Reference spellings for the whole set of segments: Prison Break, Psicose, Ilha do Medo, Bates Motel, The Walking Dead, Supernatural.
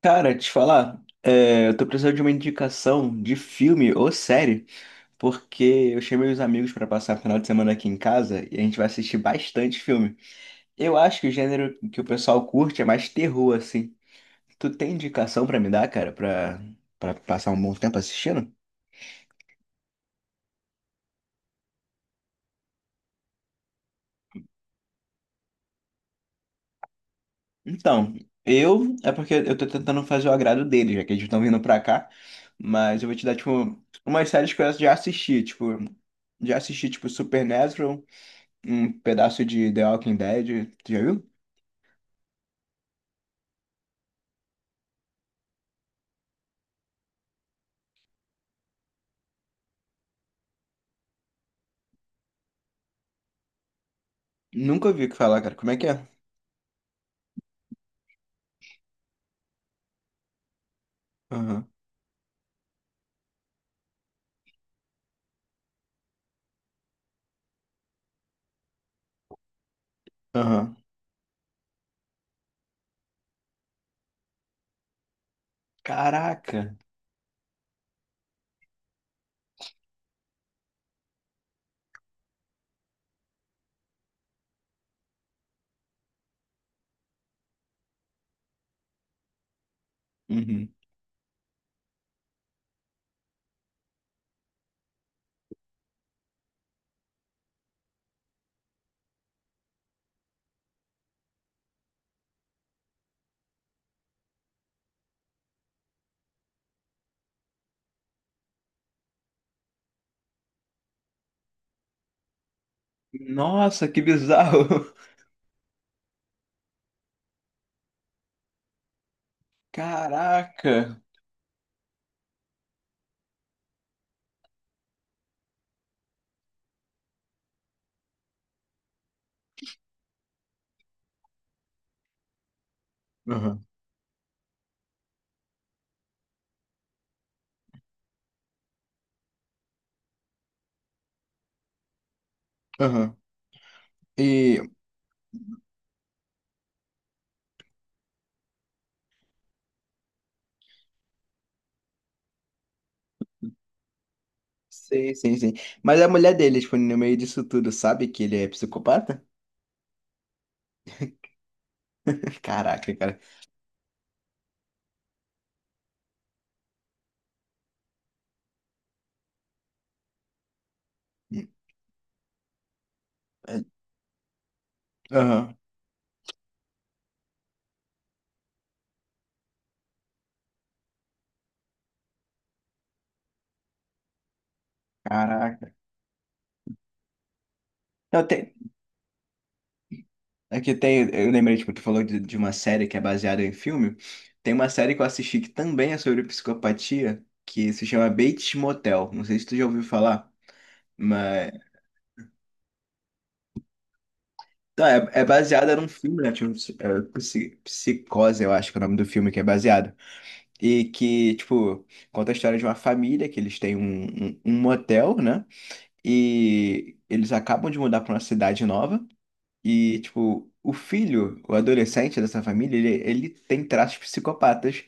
Cara, te falar, eu tô precisando de uma indicação de filme ou série, porque eu chamei os amigos pra passar o final de semana aqui em casa e a gente vai assistir bastante filme. Eu acho que o gênero que o pessoal curte é mais terror, assim. Tu tem indicação pra me dar, cara, pra passar um bom tempo assistindo? Então, eu é porque eu tô tentando fazer o agrado deles, já que eles estão vindo pra cá, mas eu vou te dar, tipo, umas séries que eu já assisti, tipo, Supernatural. Um pedaço de The Walking Dead. Tu já viu? Nunca ouvi falar, cara. Como é que é? Aham. Aham. Caraca. Uhum. Nossa, que bizarro. Caraca. Aham. Aham. E. Sim, sim, sim. Mas a mulher dele, tipo, no meio disso tudo, sabe que ele é psicopata? Caraca, cara. Aham. Caraca. Não, tem. É que tem, eu lembrei, tipo, tu falou de uma série que é baseada em filme. Tem uma série que eu assisti que também é sobre psicopatia, que se chama Bates Motel. Não sei se tu já ouviu falar, mas. Tá, é, é baseada num filme, né? Tipo, é, Psicose, eu acho que é o nome do filme que é baseado. E que, tipo, conta a história de uma família, que eles têm um, um motel, né? E eles acabam de mudar pra uma cidade nova. E, tipo, o filho, o adolescente dessa família, ele tem traços psicopatas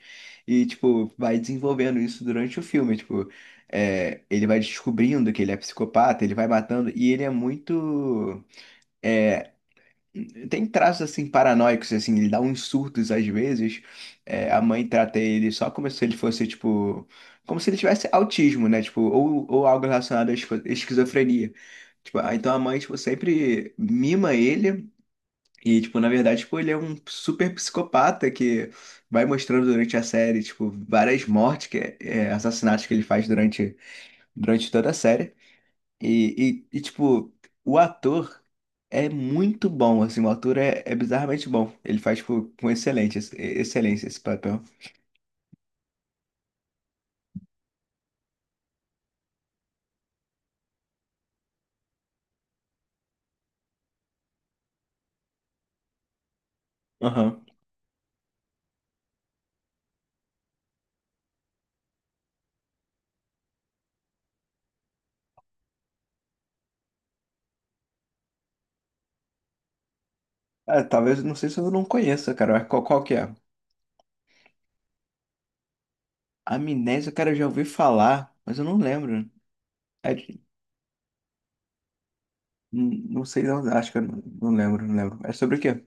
e, tipo, vai desenvolvendo isso durante o filme. Tipo, é, ele vai descobrindo que ele é psicopata, ele vai matando e ele é muito. Tem traços, assim, paranoicos, assim, ele dá uns surtos às vezes. É, a mãe trata ele só como se ele fosse, tipo. Como se ele tivesse autismo, né? Tipo, ou algo relacionado à esquizofrenia. Tipo, ah, então a mãe, tipo, sempre mima ele e, tipo, na verdade, tipo, ele é um super psicopata que vai mostrando durante a série, tipo, várias mortes, que é, é, assassinatos que ele faz durante, durante toda a série. Tipo, o ator é muito bom, assim, o ator é, é bizarramente bom. Ele faz, tipo, com excelente, excelência esse papel. Aham. Ah, talvez, não sei se eu não conheça, cara, mas qual, qual que é? Amnésia, cara, eu já ouvi falar, mas eu não lembro. É de- não não sei, não, acho que eu não, não lembro, não lembro. É sobre o quê?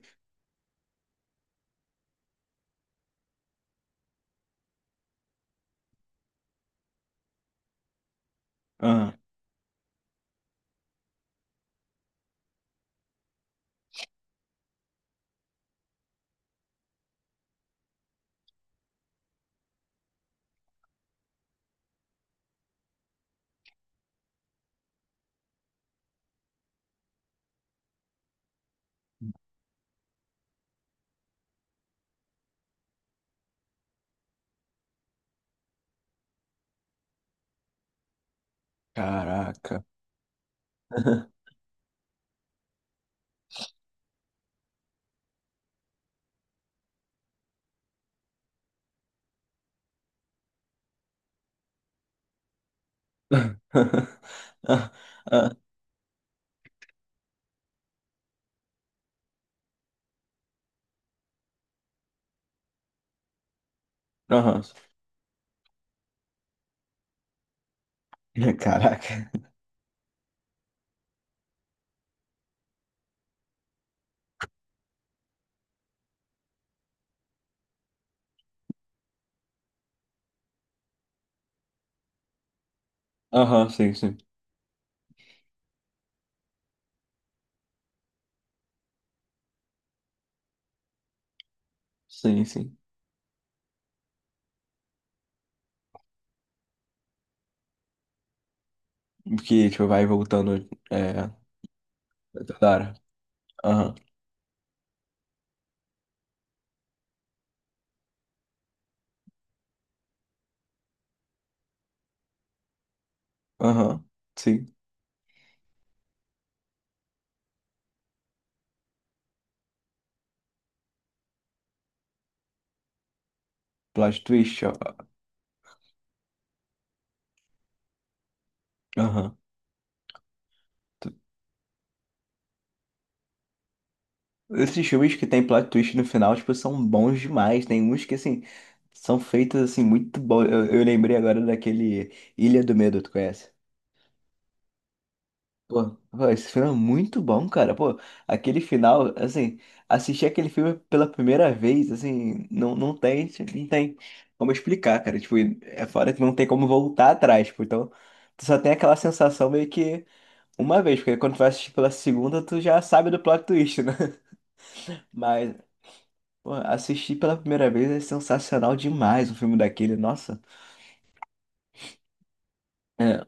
Caraca. Ah, ah. Aham. Caraca. Aham, sim, sim. Sim, sim. Que, tipo, vai voltando, é, toda hora. Aham, aham, sim. Plot twist, ó. Aham. Tu. Esses filmes que tem plot twist no final, tipo, são bons demais. Tem uns que, assim, são feitos, assim, muito bons. Eu lembrei agora daquele Ilha do Medo, tu conhece? Pô, esse filme é muito bom, cara. Pô, aquele final, assim, assistir aquele filme pela primeira vez, assim, não tem, não tem como explicar, cara. Tipo, é fora que não tem como voltar atrás, tipo, então tu só tem aquela sensação meio que uma vez, porque quando tu vai assistir pela segunda, tu já sabe do plot twist, né? Mas, pô, assistir pela primeira vez é sensacional demais o filme daquele, nossa. É,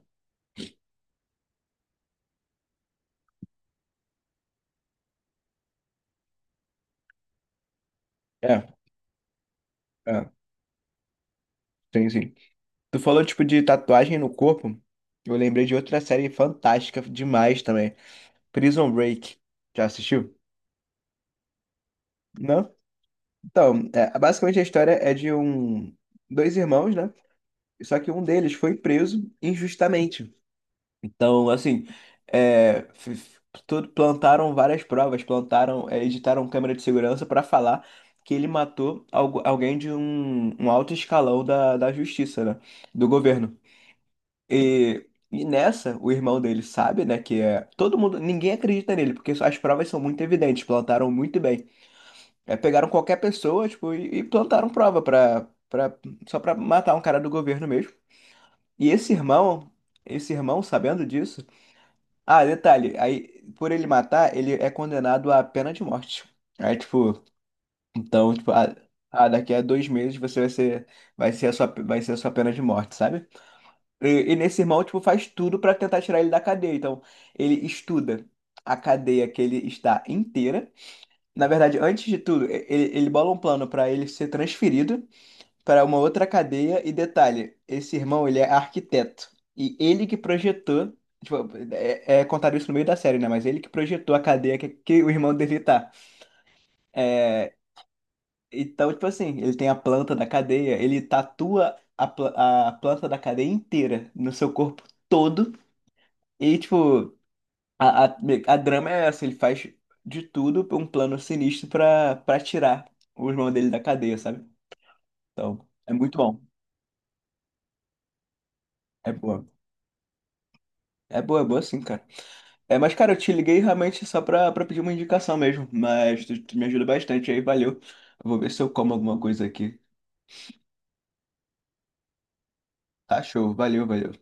é, é, sim, sim. Tu falou, tipo, de tatuagem no corpo. Eu lembrei de outra série fantástica demais também. Prison Break. Já assistiu? Não? Então, é, basicamente a história é de um... Dois irmãos, né? Só que um deles foi preso injustamente. Então, assim, é, plantaram várias provas, plantaram, é, editaram câmera de segurança para falar que ele matou alguém de um, um alto escalão da justiça, né? Do governo. E nessa, o irmão dele sabe, né, que é... Todo mundo, ninguém acredita nele, porque as provas são muito evidentes, plantaram muito bem. É, pegaram qualquer pessoa, tipo, e plantaram prova só pra matar um cara do governo mesmo. E esse irmão, sabendo disso... Ah, detalhe, aí, por ele matar, ele é condenado à pena de morte. Aí, tipo, então, tipo, ah, ah, daqui a 2 meses você vai ser a sua, vai ser a sua pena de morte, sabe? E, e nesse irmão, tipo, faz tudo pra tentar tirar ele da cadeia. Então, ele estuda a cadeia que ele está inteira. Na verdade, antes de tudo, ele, ele bola um plano pra ele ser transferido para uma outra cadeia. E detalhe, esse irmão, ele é arquiteto. E ele que projetou, tipo, é, é contado isso no meio da série, né? Mas ele que projetou a cadeia que o irmão dele tá. É, então, tipo assim, ele tem a planta da cadeia, ele tatua a, a planta da cadeia inteira no seu corpo todo. E, tipo, a, a, a drama é essa, ele faz de tudo pra um plano sinistro pra tirar o irmão dele da cadeia, sabe? Então, é muito bom. É boa. É boa, é boa sim, cara. É, mas, cara, eu te liguei realmente só pra pedir uma indicação mesmo. Mas tu, tu me ajuda bastante aí, valeu. Eu vou ver se eu como alguma coisa aqui. Tá show, valeu, valeu.